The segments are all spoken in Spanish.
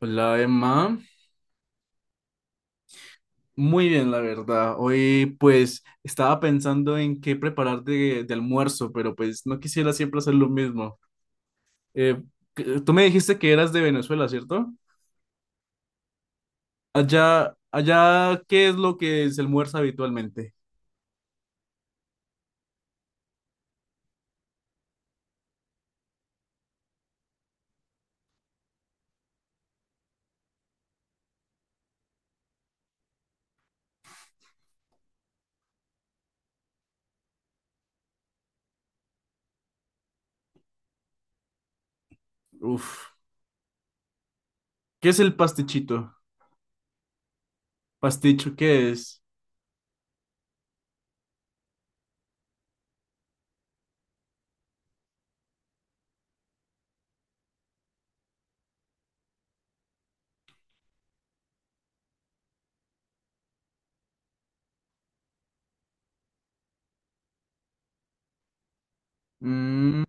Hola Emma, muy bien la verdad. Hoy pues estaba pensando en qué preparar de almuerzo, pero pues no quisiera siempre hacer lo mismo. Eh, Tú me dijiste que eras de Venezuela, ¿cierto? Allá, allá, ¿qué es lo que se almuerza habitualmente? Uf, ¿qué es el pastichito? ¿Pasticho qué es? Mm,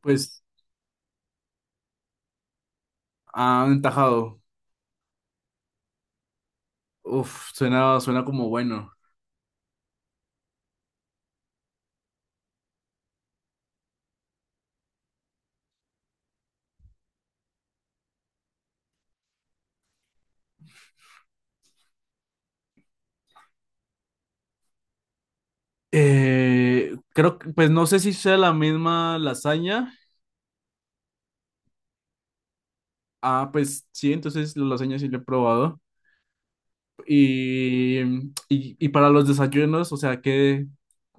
pues, ah, un tajado. Uf, suena como bueno. Creo que, pues no sé si sea la misma lasaña. Ah, pues sí, entonces la lasaña sí la he probado. Y para los desayunos, o sea,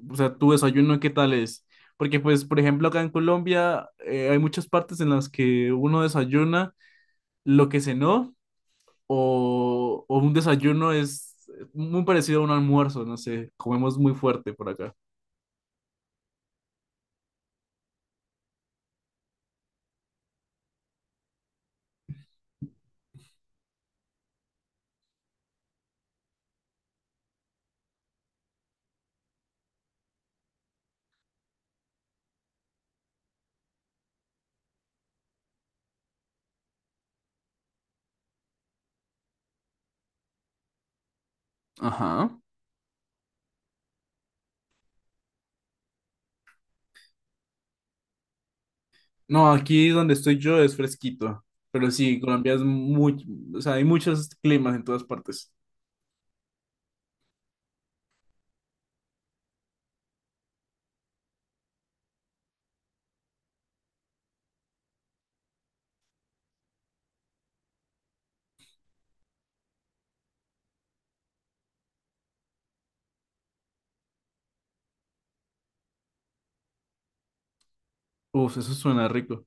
o sea, tu desayuno qué tal es? Porque, pues, por ejemplo, acá en Colombia hay muchas partes en las que uno desayuna lo que cenó o un desayuno es muy parecido a un almuerzo, no sé, comemos muy fuerte por acá. Ajá. No, aquí donde estoy yo es fresquito, pero sí, Colombia es muy, o sea, hay muchos climas en todas partes. Uf, eso suena rico.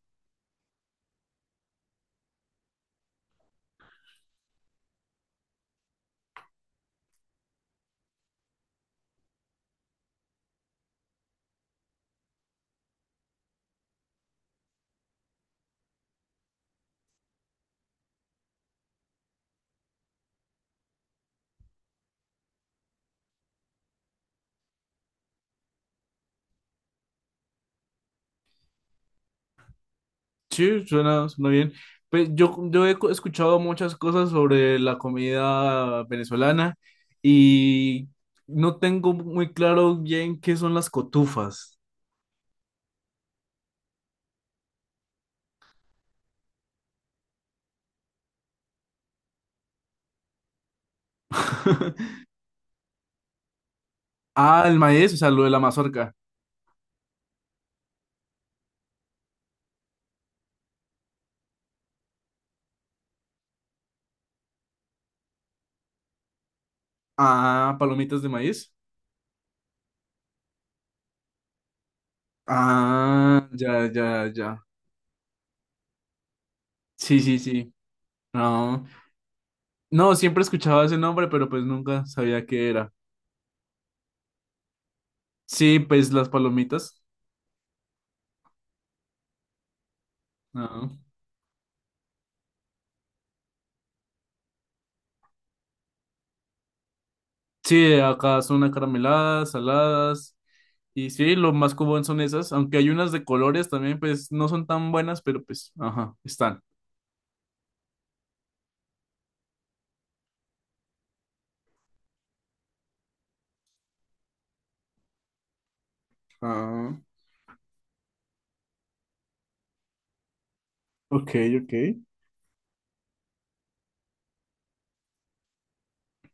Sí, suena, suena bien. Pues yo he escuchado muchas cosas sobre la comida venezolana y no tengo muy claro bien qué son las cotufas. Ah, el maíz, o sea, lo de la mazorca. Ah, palomitas de maíz. Ah, ya, ya, ya. Sí, sí, sí. No, no, siempre escuchaba ese nombre, pero pues nunca sabía qué era. Sí, pues las palomitas. Ah. Sí, acá son acarameladas, saladas. Y sí, lo más común son esas, aunque hay unas de colores también, pues no son tan buenas, pero pues, ajá, están. Ah, ok, ok.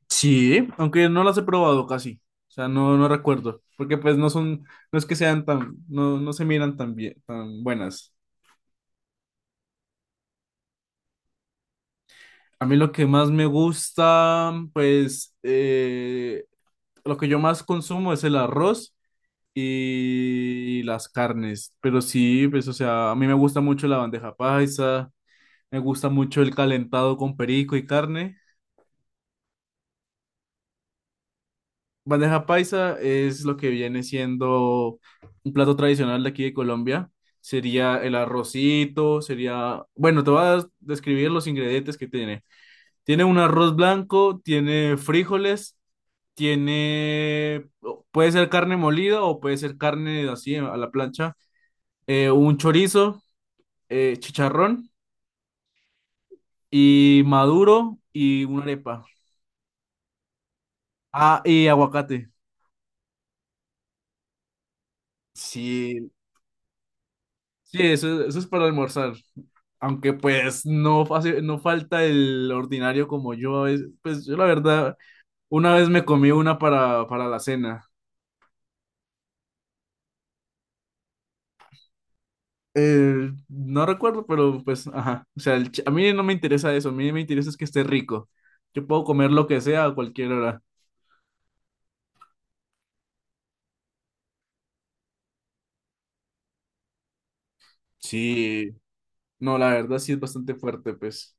Sí, aunque no las he probado casi, o sea, no, no recuerdo, porque pues no son, no es que sean tan, no, no se miran tan bien, tan buenas. A mí lo que más me gusta, pues, lo que yo más consumo es el arroz y las carnes, pero sí, pues, o sea, a mí me gusta mucho la bandeja paisa. Me gusta mucho el calentado con perico y carne. Bandeja paisa es lo que viene siendo un plato tradicional de aquí de Colombia. Sería el arrocito, sería. Bueno, te voy a describir los ingredientes que tiene. Tiene un arroz blanco, tiene frijoles, tiene. Puede ser carne molida o puede ser carne así a la plancha. Un chorizo, chicharrón y maduro y una arepa. Ah, y aguacate. Sí, Sí, eso es para almorzar. Aunque pues no, no falta el ordinario como yo a veces. Pues yo la verdad, una vez me comí una para la cena. No recuerdo, pero pues, ajá. O sea, a mí no me interesa eso, a mí me interesa es que esté rico. Yo puedo comer lo que sea a cualquier hora. Sí, no, la verdad sí es bastante fuerte, pues.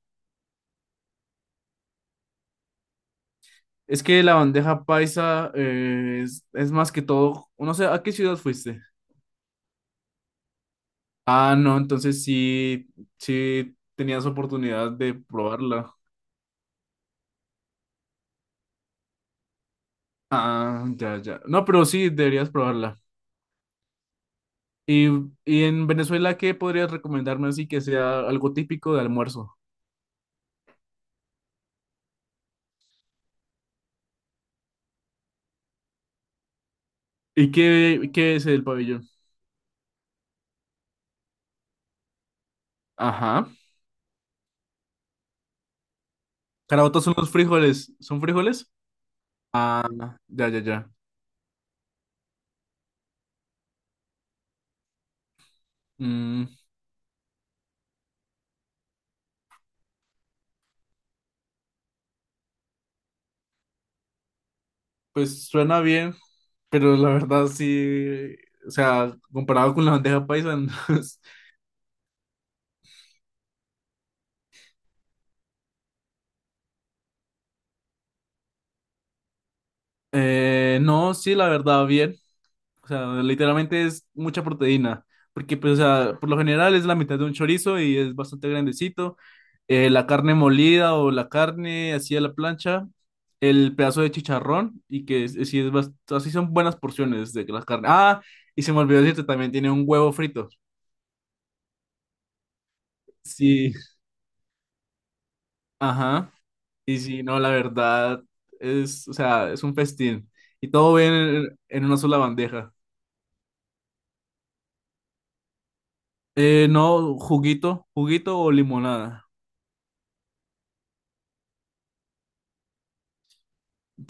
Es que la bandeja paisa es más que todo, no sé, ¿a qué ciudad fuiste? Ah, no, entonces sí, sí tenías oportunidad de probarla. Ah, ya, ya. No, pero sí, deberías probarla. Y, y en Venezuela, ¿qué podrías recomendarme así que sea algo típico de almuerzo? ¿Y qué, qué es el pabellón? Ajá. Carabotas son los frijoles. ¿Son frijoles? Ah, ya, ya, ya. Mm, pues suena bien, pero la verdad sí, o sea, comparado con la bandeja paisa, no es- no, sí, la verdad, bien. O sea, literalmente es mucha proteína, porque pues, o sea, por lo general es la mitad de un chorizo y es bastante grandecito. La carne molida o la carne así a la plancha, el pedazo de chicharrón y que es, sí es así son buenas porciones de la carne. Ah, y se me olvidó decirte, también tiene un huevo frito. Sí, ajá. Y sí, no, la verdad es, o sea, es un festín. Y todo bien en una sola bandeja. No, juguito, juguito o limonada.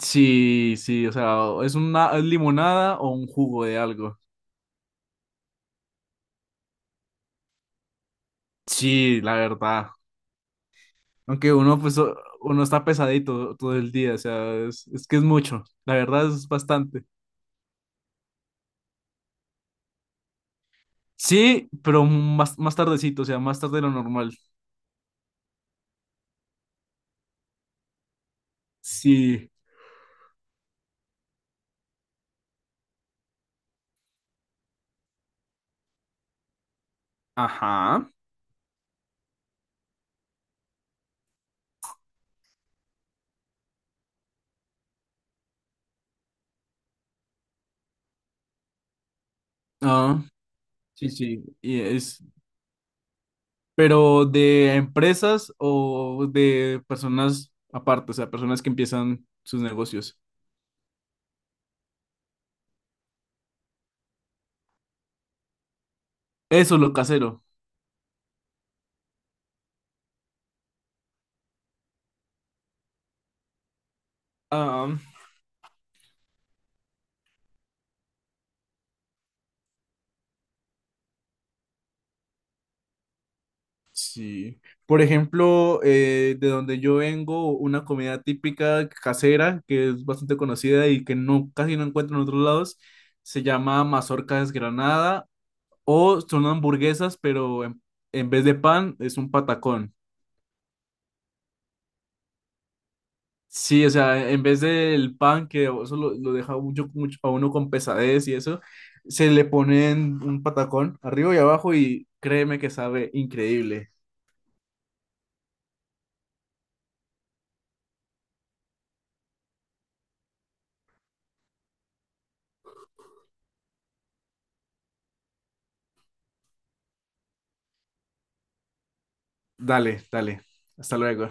Sí, sí, o sea, o es una es limonada o un jugo de algo. Sí, la verdad. Aunque uno, pues, o- uno está pesadito todo el día, o sea, es que es mucho. La verdad es bastante. Sí, pero más, más tardecito, o sea, más tarde de lo normal. Sí, ajá. Ah, sí, sí. Y es, pero de empresas o de personas aparte, o sea, personas que empiezan sus negocios. Eso, lo casero. Sí. Por ejemplo, de donde yo vengo, una comida típica casera que es bastante conocida y que no, casi no encuentro en otros lados, se llama mazorca desgranada o son hamburguesas, pero en vez de pan es un patacón. Sí, o sea, en vez del pan que eso lo deja mucho, mucho a uno con pesadez y eso, se le ponen un patacón arriba y abajo y créeme que sabe increíble. Dale, dale. Hasta luego.